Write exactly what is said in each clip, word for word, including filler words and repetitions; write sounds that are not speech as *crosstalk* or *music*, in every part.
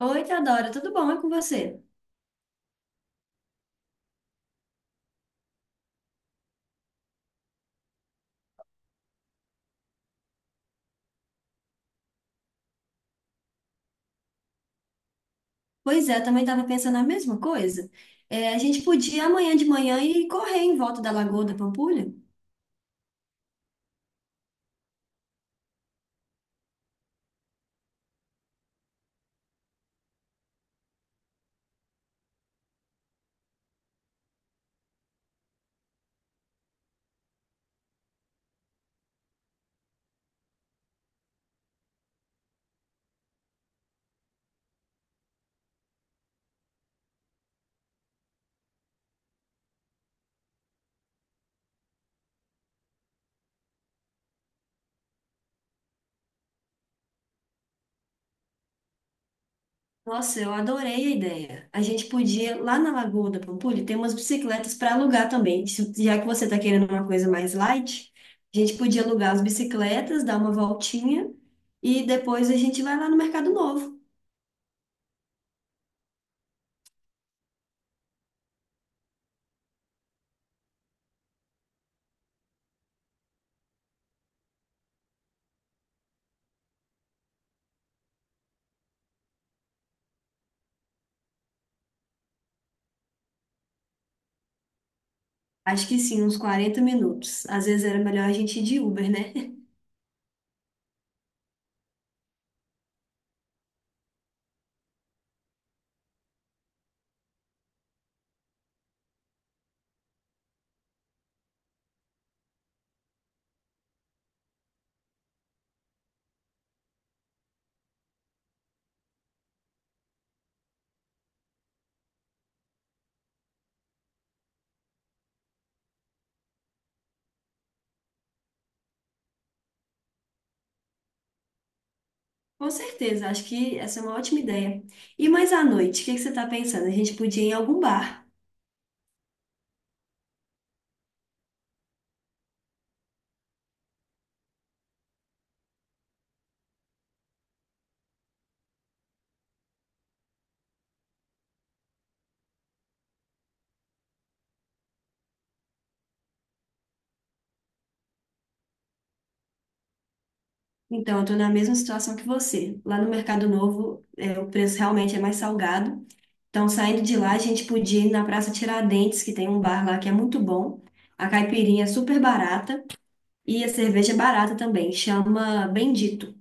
Oi, Teodora, tudo bom? É com você? Pois é, eu também estava pensando a mesma coisa. É, a gente podia amanhã de manhã ir correr em volta da Lagoa da Pampulha? Nossa, eu adorei a ideia. A gente podia, lá na Lagoa da Pampulha, ter umas bicicletas para alugar também. Se- Já que você está querendo uma coisa mais light, a gente podia alugar as bicicletas, dar uma voltinha e depois a gente vai lá no Mercado Novo. Acho que sim, uns quarenta minutos. Às vezes era melhor a gente ir de Uber, né? Com certeza, acho que essa é uma ótima ideia. E mais à noite, o que que você está pensando? A gente podia ir em algum bar. Então, eu estou na mesma situação que você. Lá no Mercado Novo, é, o preço realmente é mais salgado. Então, saindo de lá, a gente podia ir na Praça Tiradentes, que tem um bar lá que é muito bom. A caipirinha é super barata e a cerveja é barata também. Chama Bendito. O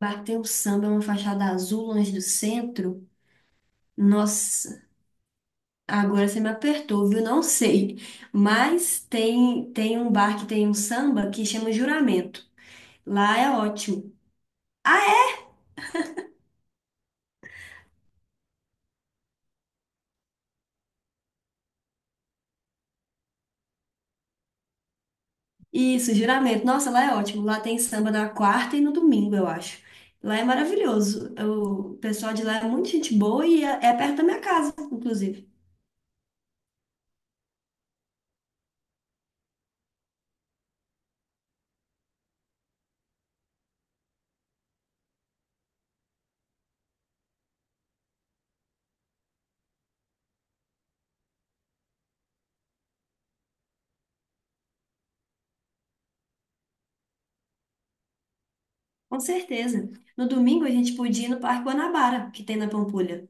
bar que tem um samba, uma fachada azul longe do centro. Nossa, agora você me apertou, viu? Não sei. Mas tem, tem um bar que tem um samba que chama Juramento. Lá é ótimo. Ah, é? Isso, Juramento. Nossa, lá é ótimo. Lá tem samba na quarta e no domingo, eu acho. Lá é maravilhoso. O pessoal de lá é muito gente boa e é, é perto da minha casa, inclusive. Com certeza. No domingo a gente podia ir no Parque Guanabara, que tem na Pampulha.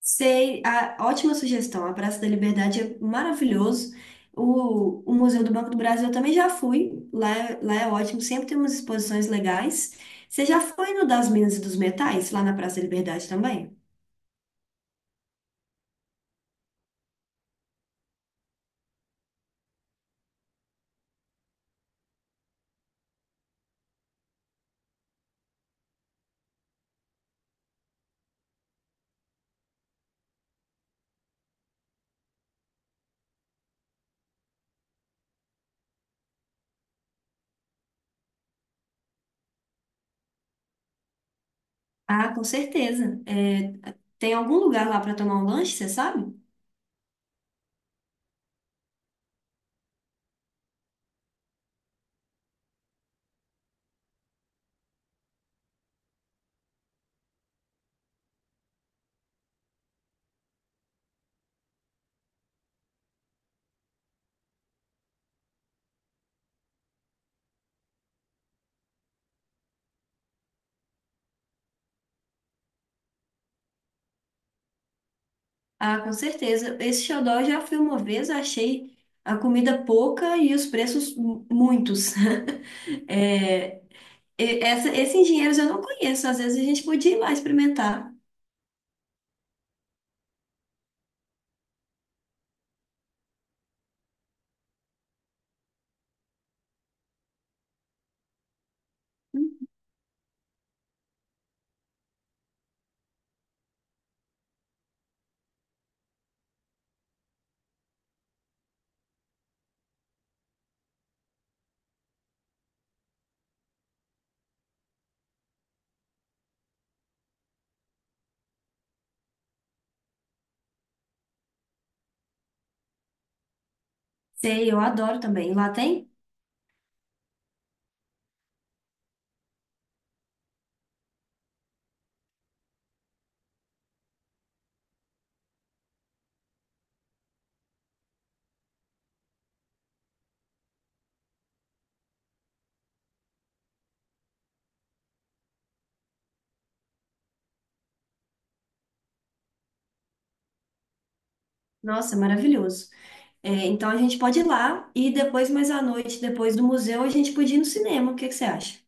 Sei, a, ótima sugestão. A Praça da Liberdade é maravilhoso. O, o Museu do Banco do Brasil eu também já fui. Lá, é- lá é ótimo, sempre tem umas exposições legais. Você já foi no das Minas e dos Metais, lá na Praça da Liberdade também? Ah, com certeza. É, tem algum lugar lá para tomar um lanche, você sabe? Ah, com certeza. Esse xodó eu já fui uma vez, achei a comida pouca e os preços mu- muitos. *laughs* É, E- Essa, esses engenheiros eu não conheço. Às vezes a gente podia ir lá experimentar. Sei, eu adoro também. Lá tem? Nossa, maravilhoso. É, então a gente pode ir lá e depois, mais à noite, depois do museu, a gente podia ir no cinema. O que que você acha?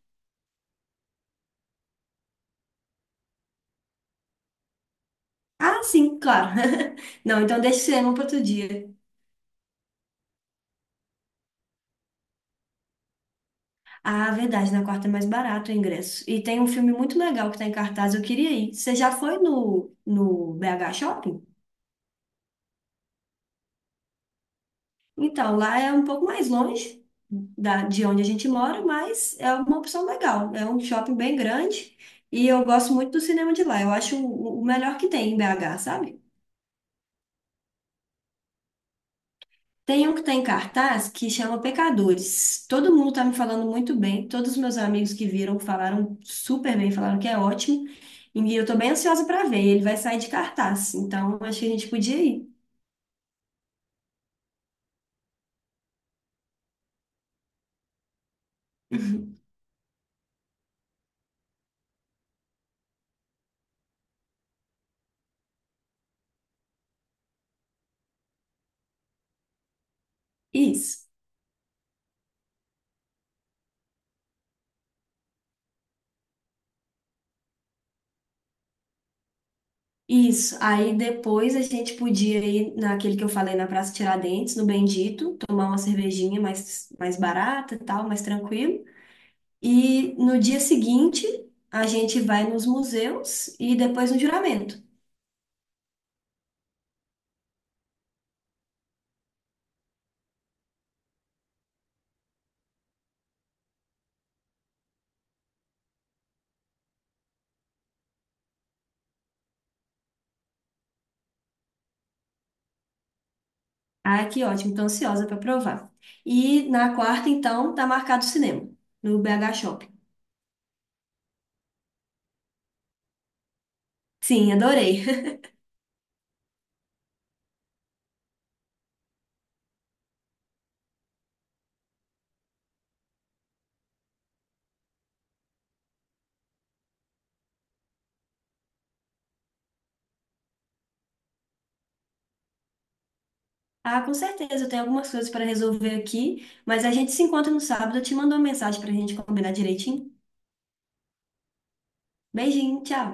Ah, sim, claro. *laughs* Não, então deixa o cinema para outro dia. Ah, verdade, na quarta é mais barato o ingresso. E tem um filme muito legal que está em cartaz, eu queria ir. Você já foi no, no B H Shopping? Então, lá é um pouco mais longe da, de onde a gente mora, mas é uma opção legal. É um shopping bem grande e eu gosto muito do cinema de lá. Eu acho o, o melhor que tem em B H, sabe? Tem um que tem cartaz que chama Pecadores. Todo mundo tá me falando muito bem. Todos os meus amigos que viram falaram super bem, falaram que é ótimo. E eu tô bem ansiosa para ver. Ele vai sair de cartaz, então acho que a gente podia ir. *laughs* Isso. Isso. Aí depois a gente podia ir naquele que eu falei na Praça Tiradentes, no Bendito, tomar uma cervejinha mais, mais barata e tal, mais tranquilo. E no dia seguinte a gente vai nos museus e depois no juramento. Ah, que ótimo, tô ansiosa para provar. E na quarta, então, tá marcado o cinema, no B H Shopping. Sim, adorei. *laughs* Ah, com certeza, eu tenho algumas coisas para resolver aqui, mas a gente se encontra no sábado. Eu te mando uma mensagem para a gente combinar direitinho. Beijinho, tchau.